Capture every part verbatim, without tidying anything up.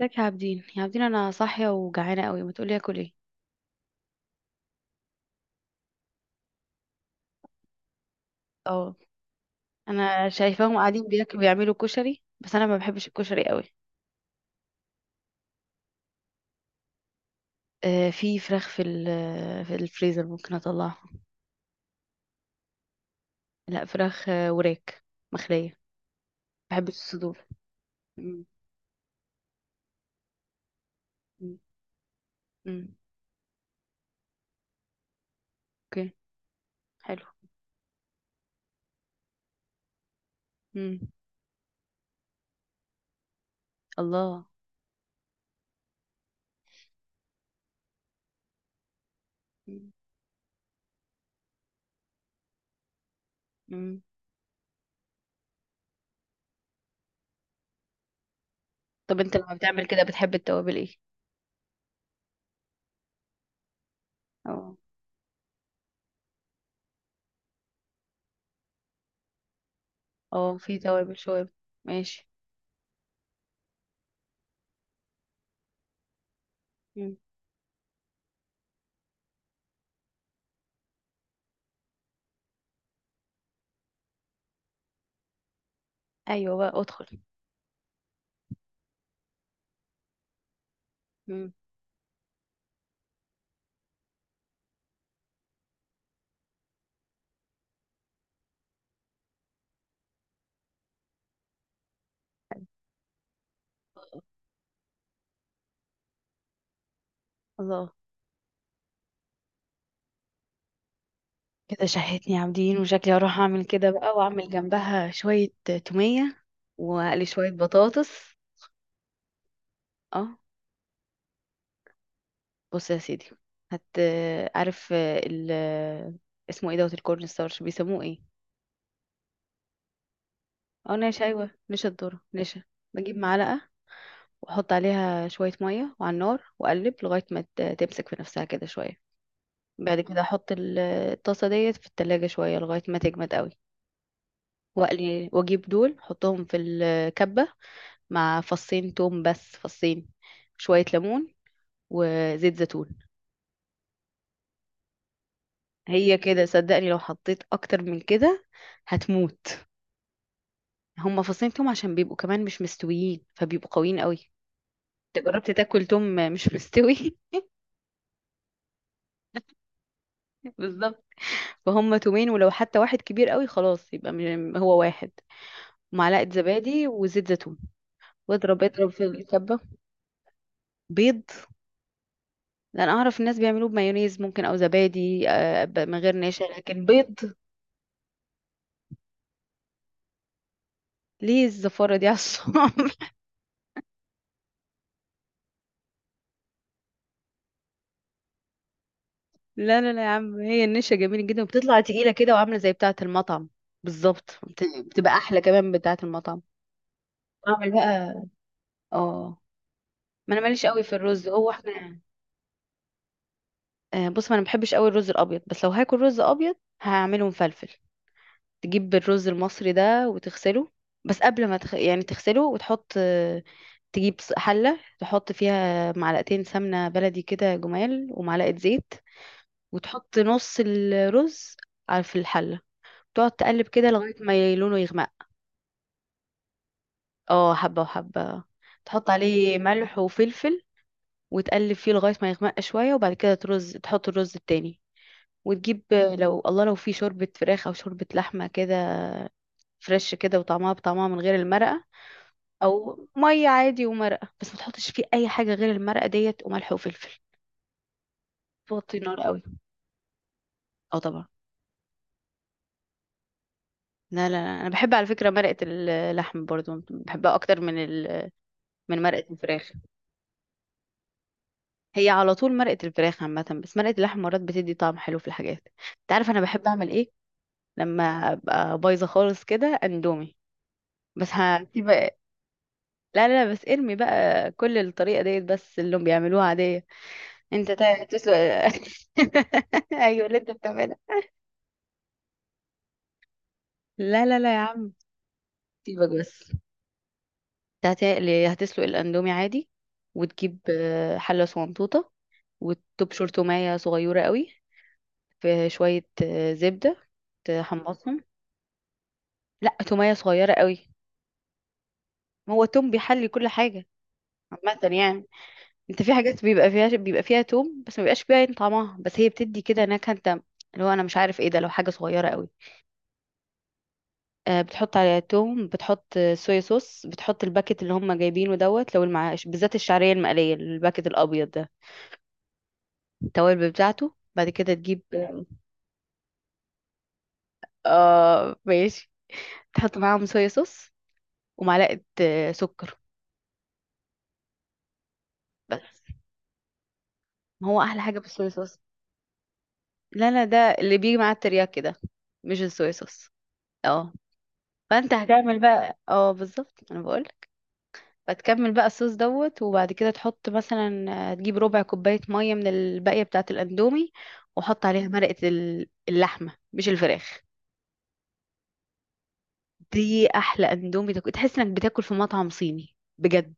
ازيك يا عابدين يا عابدين، انا صاحيه وجعانه قوي، ما تقولي اكل ايه؟ اه. انا شايفاهم قاعدين بياكلوا بيعملوا كشري، بس انا ما بحبش الكشري قوي. آه، في فراخ في ال- في الفريزر، ممكن اطلعها. لا، فراخ، آه، وراك مخليه. ما بحبش الصدور. مم، مم، مم. اوكي. حلو. مم. الله. مم. مم. طب انت لما بتعمل كده بتحب التوابل ايه؟ اه. اه، في توابل شويه. ماشي. مم. ايوه بقى ادخل. مم. الله. كده شهيتني يا عابدين، وشكلي هروح اعمل كده بقى واعمل جنبها شوية تومية واقلي شوية بطاطس. اه. بص يا سيدي، هت عارف ال اسمه ايه دوت الكورن ستارش بيسموه ايه؟ اه، نشا، ايوه، نشا الذرة نشا. بجيب معلقة، واحط عليها شوية مية وعلى النار، واقلب لغاية ما ت- تمسك في نفسها كده شوية. بعد كده احط ال- الطاسة ديت في التلاجة شوية لغاية ما تجمد قوي. واقلي واجيب دول احطهم في الكبة، مع فصين توم، بس فصين، شوية ليمون وزيت زيتون. هي كده، صدقني لو حطيت اكتر من كده هتموت. هما فصين توم عشان بيبقوا كمان مش مستويين، فبيبقوا قويين قوي. انت جربت تاكل توم مش مستوي؟ بالظبط. فهم تومين، ولو حتى واحد كبير قوي خلاص يبقى م- هو واحد. معلقة زبادي وزيت زيتون، واضرب اضرب في الكبة. بيض. لأن أعرف الناس بيعملوه بمايونيز ممكن، أو زبادي، آه، ب- من غير نشا، لكن بيض. ليه الزفارة دي على الصوابع؟ لا لا لا يا عم، هي النشا جميلة جدا، وبتطلع تقيلة كده وعاملة زي بتاعة المطعم. بالظبط، بت- بتبقى أحلى كمان من بتاعة المطعم. اعمل بقى. اه. ما انا ماليش قوي في الرز، هو احنا آه، بص، ما انا ما بحبش قوي الرز الابيض، بس لو هاكل رز ابيض هعمله مفلفل. تجيب الرز المصري ده وتغسله، بس قبل ما تخ... يعني تغسله، وتحط آه، تجيب ص- حلة، تحط فيها معلقتين سمنة بلدي كده جمال، ومعلقة زيت. وتحط نص الرز على في الحلة، تقعد تقلب كده لغاية ما لونه يغمق. اه، حبة وحبة. تحط عليه ملح وفلفل، وتقلب فيه لغاية ما يغمق شوية، وبعد كده ترز تحط الرز التاني. وتجيب لو، الله لو في شوربة فراخ أو شوربة لحمة كده، فريش كده، وطعمها بطعمها من غير المرقة. أو مية عادي ومرقة، بس ما تحطش فيه أي حاجة غير المرقة ديت وملح وفلفل. توطي النار قوي. اه، طبعا. لا لا لا، أنا بحب على فكرة مرقة اللحم برضو، بحبها أكتر من ال... من مرقة الفراخ. هي على طول مرقة الفراخ عامة، بس مرقة اللحم مرات بتدي طعم حلو في الحاجات. انت عارف انا بحب اعمل ايه؟ لما ابقى بايظة خالص كده، اندومي. بس هسيب، لا. لا لا، بس ارمي بقى كل الطريقة ديت، بس اللي هم بيعملوها عادية. انت تا- تسلق. ايوه، اللي انت بتعملها. لا لا لا يا عم. سيبك بس. انت هت- هتسلق الاندومي عادي، وتجيب آه، حلة صغنطوطة، وتبشر تومية صغيرة قوي، في شوية آه، زبدة، تحمصهم. لا، تومية صغيرة قوي. هو توم بيحلي كل حاجة عامة يعني. انت في حاجات بيبقى فيها بيبقى فيها توم، بس ما بيبقاش فيها عين طعمها، بس هي بتدي كده نكهة، انت، اللي هو، انا مش عارف ايه ده، لو حاجة صغيرة قوي. آه بتحط عليها توم، بتحط آه، صويا صوص، بتحط الباكت اللي هم جايبينه دوت، لو المع... بالذات الشعرية المقلية، الباكت الابيض ده، التوابل بتاعته، بعد كده تجيب. اه، ماشي. تحط معاهم صويا صوص، ومعلقة آه، سكر. بس، ما هو احلى حاجة بالصويا صوص. لا لا، ده اللي بيجي مع الترياكي ده، مش الصويا صوص. اه. فانت هتعمل بقى، اه، بالظبط، انا بقولك. فتكمل بقى الصوص دوت، وبعد كده تحط مثلا آه، تجيب ربع كوباية مية من الباقية بتاعة الاندومي، وحط عليها مرقة ال- اللحمة، مش الفراخ. دي احلى اندومي تاكل، تحس انك بتاكل في مطعم صيني بجد.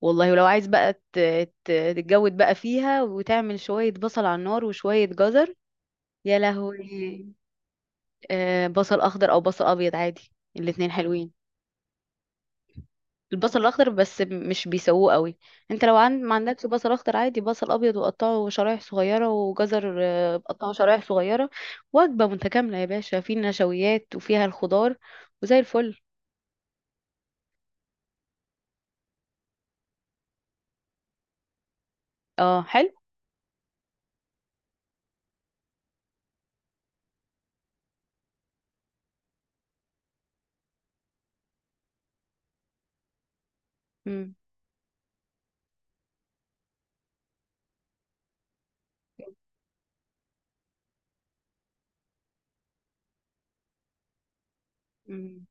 والله، ولو عايز بقى ت- ت- تتجود بقى فيها، وتعمل شوية بصل على النار وشوية جزر. يا لهوي. آه، بصل اخضر او بصل ابيض عادي، الاتنين حلوين. البصل الاخضر بس مش بيسووه قوي. انت لو عن... ما عندكش بصل اخضر عادي، بصل ابيض وقطعه شرايح صغيره، وجزر آه، قطعه شرايح صغيره. وجبه متكامله يا باشا، في نشويات وفيها الخضار، وزي الفل. اه، حلو. مم. مم.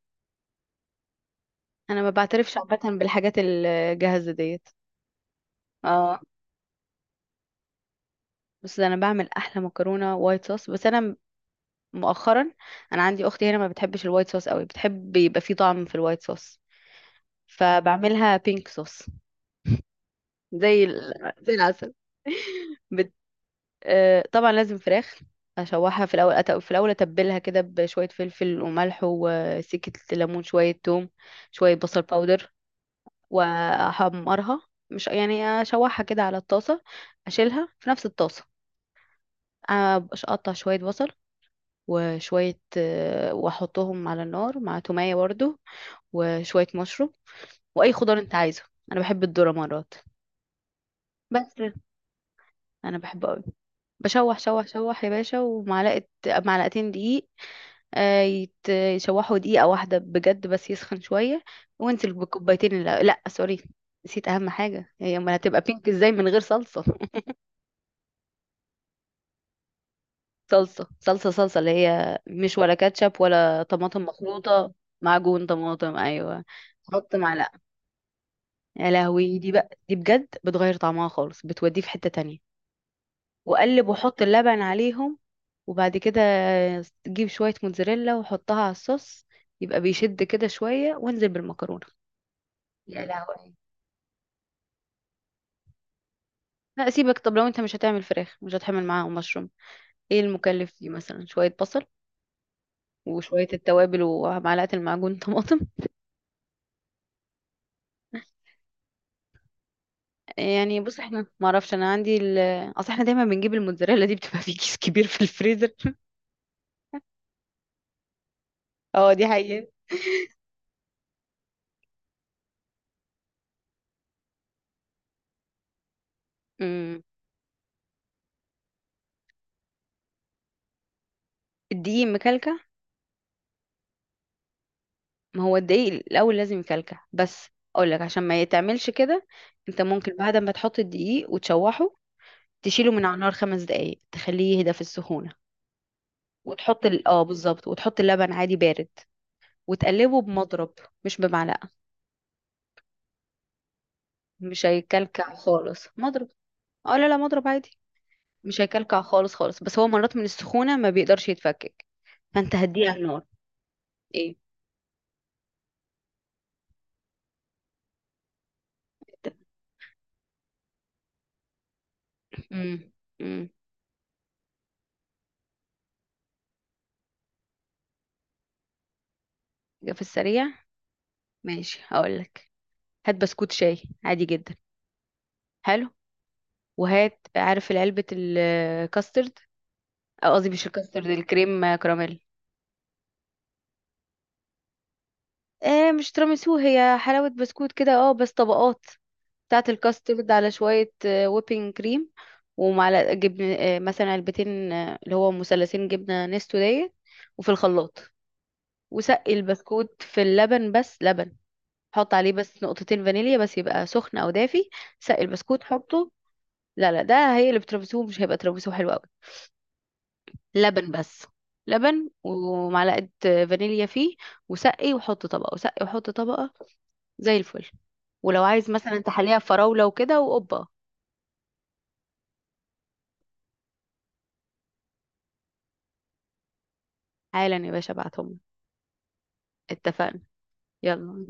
انا ما بعترفش عامه بالحاجات الجاهزه ديت. اه، بس انا بعمل احلى مكرونه وايت صوص، بس انا مؤخرا، انا عندي اختي هنا ما بتحبش الوايت صوص قوي، بتحب يبقى فيه طعم في الوايت صوص، فبعملها بينك صوص. زي ال... زي العسل. بت... آه، طبعا لازم فراخ. اشوحها في الاول، أت... في الاول اتبلها كده بشويه فلفل وملح وسكه ليمون، شويه توم، شويه بصل باودر، واحمرها. مش يعني اشوحها كده على الطاسه، اشيلها في نفس الطاسه. أبقاش اقطع شويه بصل، وشويه آه، واحطهم على النار مع توميه برضو، وشويه مشروم، واي خضار انت عايزه. انا بحب الذره مرات. بس انا بحبه قوي. بشوح شوح شوح يا باشا، ومعلقه معلقتين دقيق، آه، يت- يشوحوا دقيقة واحدة بجد، بس يسخن شوية. وانزل بكوبايتين، لا, لا، سوري، نسيت أهم حاجة، هي أمال هتبقى بينك ازاي من غير صلصة؟ صلصة صلصة صلصة، اللي هي مش ولا كاتشب ولا طماطم مخلوطة. معجون طماطم، أيوة. حط معلقة. يا لهوي، دي بقى دي بجد بتغير طعمها خالص، بتوديه في حتة تانية. واقلب واحط اللبن عليهم، وبعد كده تجيب شوية موتزاريلا وحطها على الصوص، يبقى بيشد كده شوية، وانزل بالمكرونة. يا لهوي. لا سيبك، طب لو انت مش هتعمل فراخ، مش هتحمل معاهم مشروم، ايه المكلف فيه؟ مثلا شوية بصل، وشوية التوابل، ومعلقة المعجون طماطم. يعني بص احنا، ما اعرفش، انا عندي ال... اصل احنا دايما بنجيب الموتزاريلا دي، بتبقى في كيس كبير في الفريزر. اه، دي حقيقة. امم. الدقيق مكلكع؟ ما هو الدقيق الاول لازم يكلكع، بس اقول لك عشان ما يتعملش كده. انت ممكن بعد ما تحط الدقيق وتشوحه، تشيله من على النار خمس دقايق، تخليه يهدى في السخونه. وتحط ال... اه بالظبط، وتحط اللبن عادي بارد، وتقلبه بمضرب، مش بمعلقه. مش هيكلكع خالص، مضرب. اه، لا لا، مضرب عادي. مش هيكلكع خالص خالص، بس هو مرات من السخونه ما بيقدرش يتفكك، فانت هديه على النار. ايه؟ امم. امم. في السريع. ماشي، هقول لك، هات بسكوت شاي عادي جدا. حلو. وهات، عارف علبة الكاسترد، آه، قصدي مش الكاسترد، الكريم كراميل. آه مش تراميسو، هي حلاوة بسكوت كده، اه، بس طبقات بتاعة الكاسترد على شوية ويبنج كريم، ومعلقة جبن، آه، مثلا علبتين، آه، اللي هو مثلثين جبنة نستو ديت، وفي الخلاط. وسقي البسكوت في اللبن، بس لبن. حط عليه بس نقطتين فانيليا، بس يبقى سخن او دافي. سقي البسكوت، حطه. لا لا، ده هيقلب تراميسو، مش هيبقى تراميسو حلو قوي. لبن بس، لبن ومعلقة فانيليا فيه. وسقي وحط طبقة، وسقي وحط طبقة، زي الفل. ولو عايز مثلا تحليها بفراولة وكده وقبة. حالا يا باشا، ابعتهم لك. اتفقنا. يلا.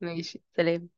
ماشي، سلام.